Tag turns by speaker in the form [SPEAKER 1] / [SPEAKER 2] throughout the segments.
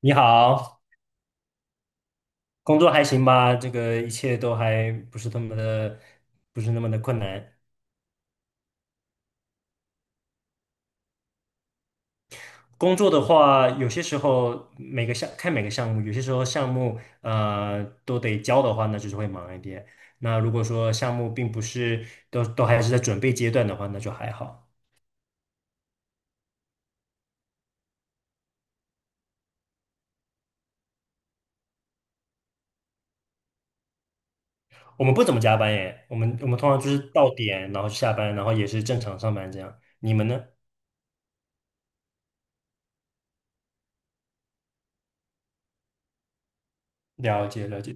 [SPEAKER 1] 你好，工作还行吧？这个一切都还不是那么的，不是那么的困难。工作的话，有些时候每个项目，有些时候项目呃都得交的话，那就是会忙一点。那如果说项目并不是都还是在准备阶段的话，那就还好。我们不怎么加班耶，我们通常就是到点，然后下班，然后也是正常上班这样。你们呢？了解了解。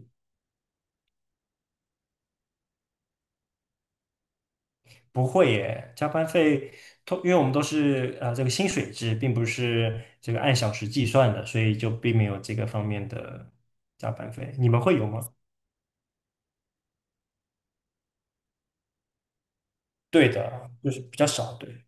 [SPEAKER 1] 不会耶，加班费，因为我们都是呃这个薪水制，并不是这个按小时计算的，所以就并没有这个方面的加班费。你们会有吗？对的，就是比较少，对。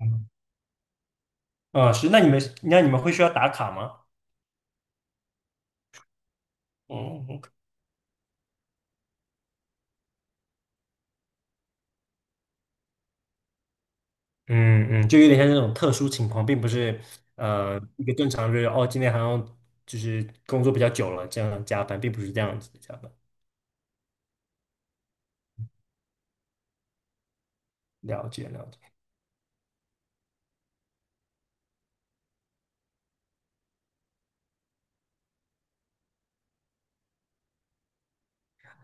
[SPEAKER 1] 嗯，啊是，那你们会需要打卡吗？嗯嗯嗯，就有点像那种特殊情况，并不是呃一个正常日哦，今天好像就是工作比较久了，这样加班，并不是这样子的加班。了解了解。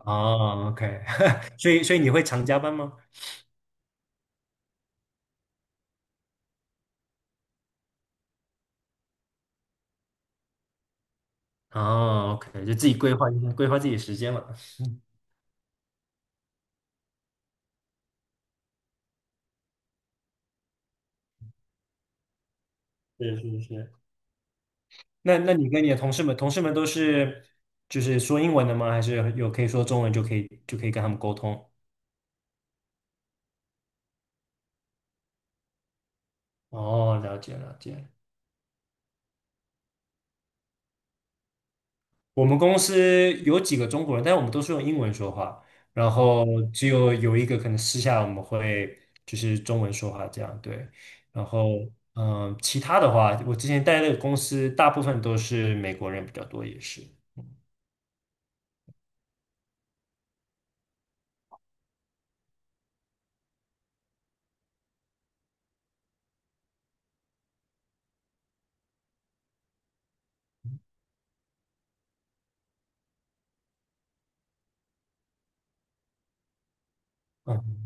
[SPEAKER 1] 哦，OK，所以你会常加班吗？哦，OK，就自己规划一下，规划自己时间了。是是是。那你跟你的同事们，同事们都是就是说英文的吗？还是有可以说中文就可以跟他们沟通？哦，了解了解。我们公司有几个中国人，但是我们都是用英文说话，然后只有一个可能私下我们会就是中文说话这样，对。然后嗯，其他的话，我之前待的公司大部分都是美国人比较多，也是。嗯。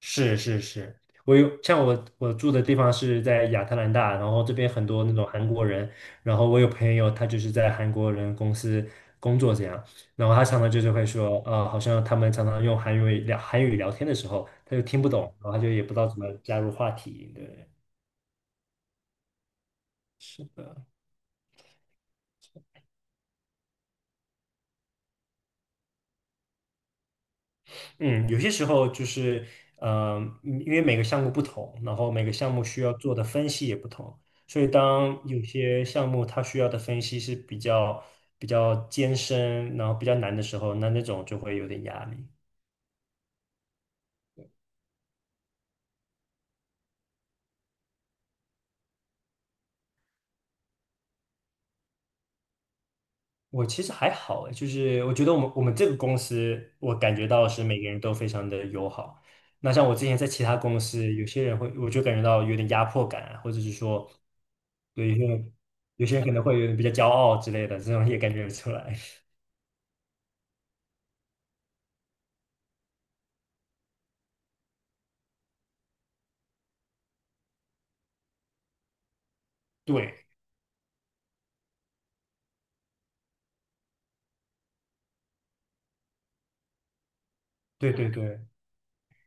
[SPEAKER 1] 是是是，我有像我住的地方是在亚特兰大，然后这边很多那种韩国人，然后我有朋友他就是在韩国人公司工作这样，然后他常常就是会说，呃，好像他们常常用韩语聊韩语聊天的时候，他就听不懂，然后他就也不知道怎么加入话题，对，是的，嗯，有些时候就是，呃，嗯因为每个项目不同，然后每个项目需要做的分析也不同，所以当有些项目它需要的分析是比较艰深，然后比较难的时候，那那种就会有点压力。我其实还好诶，就是我觉得我们这个公司，我感觉到是每个人都非常的友好。那像我之前在其他公司，有些人会，我就感觉到有点压迫感啊或者是说，对，有些人可能会有点比较骄傲之类的，这种也感觉得出来。对，对对对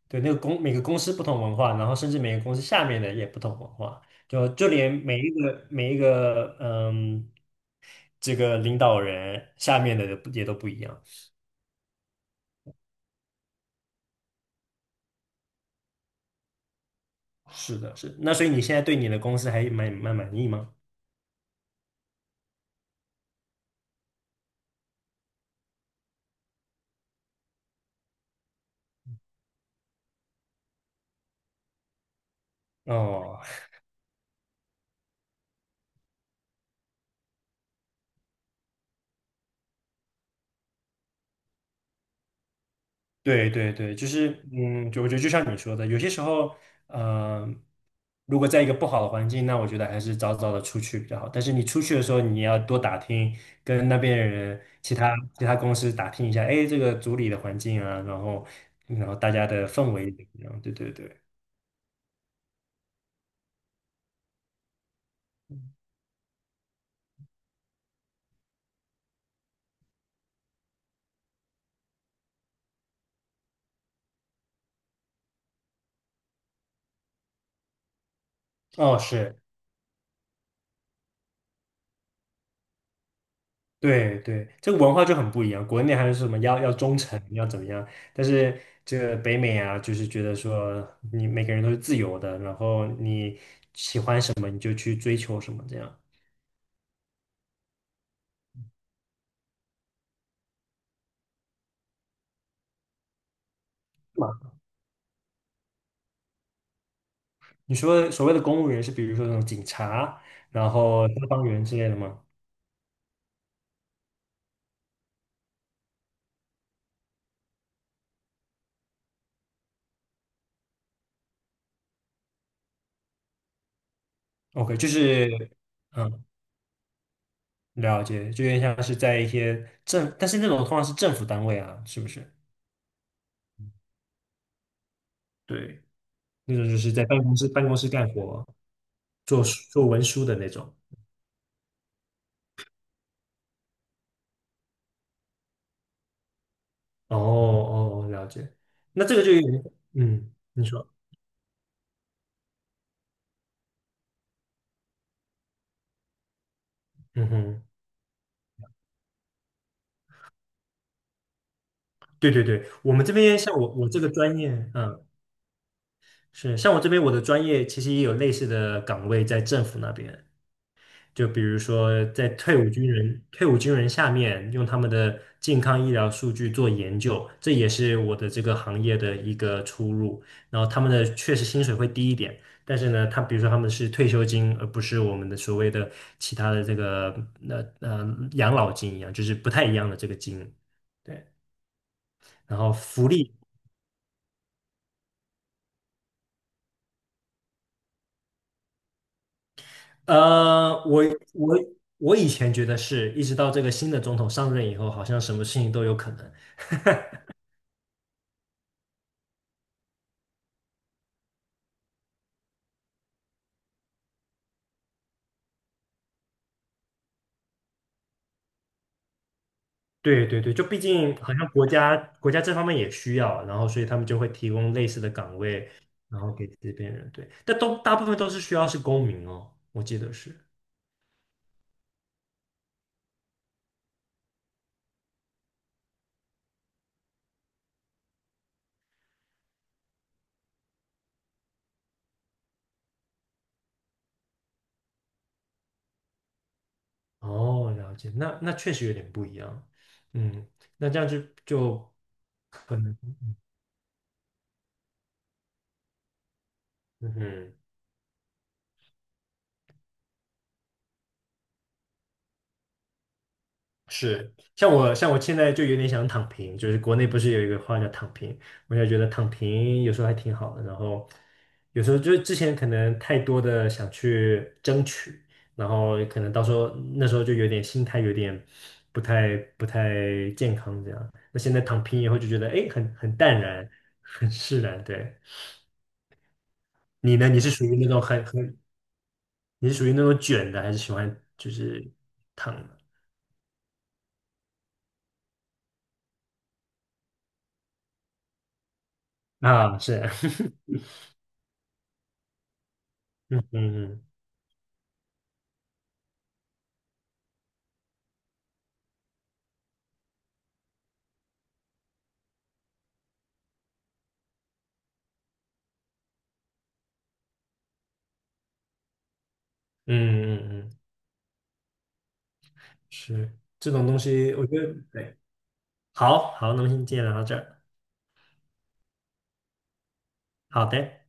[SPEAKER 1] 对，那个公每个公司不同文化，然后甚至每个公司下面的也不同文化，就连每一个嗯，这个领导人下面的也都不一样。是的，是的，那所以你现在对你的公司还蛮满意吗？哦，对对对，就是嗯，就我觉得就像你说的，有些时候，呃，如果在一个不好的环境，那我觉得还是早早的出去比较好。但是你出去的时候，你要多打听，跟那边人、其他公司打听一下，哎，这个组里的环境啊，然后大家的氛围怎么样？对对对，哦，是。对对，这个文化就很不一样。国内还是什么要忠诚，要怎么样？但是这个北美啊，就是觉得说你每个人都是自由的，然后你就去追求什么这样。嘛你说所谓的公务员是比如说那种警察，然后消防员之类的吗？OK，就是嗯，了解，就有点像是在一些，但是那种通常是政府单位啊，是不是？对，那种就是在办公室干活，做做文书的那种。哦哦，哦了解。那这个就有点，嗯，你说，嗯哼，对对对，我们这边像我这个专业，嗯，是像我这边我的专业其实也有类似的岗位在政府那边，就比如说，在退伍军人下面，用他们的健康医疗数据做研究，这也是我的这个行业的一个出入。然后他们的确实薪水会低一点，但是呢，他比如说他们是退休金，而不是我们的所谓的其他的这个那养老金一样，就是不太一样的这个金。对，然后福利，呃，我我以前觉得是，一直到这个新的总统上任以后，好像什么事情都有可能。对对对，就毕竟好像国家这方面也需要，然后所以他们就会提供类似的岗位，然后给这边人。对，但都大部分都是需要是公民哦，我记得是。哦，了解，那那确实有点不一样。嗯，那这样就可能，嗯哼。是，像我现在就有点想躺平，就是国内不是有一个话叫躺平，我就觉得躺平有时候还挺好的，然后有时候就是之前可能太多的想去争取，然后可能到时候那时候就有点心态不太健康这样，那现在躺平以后就觉得哎很淡然，很释然。对，你呢？你是属于那种卷的，还是喜欢就是躺的？啊，是，嗯嗯嗯。是这种东西，我觉得对，好好，那么先天聊到这儿，好的，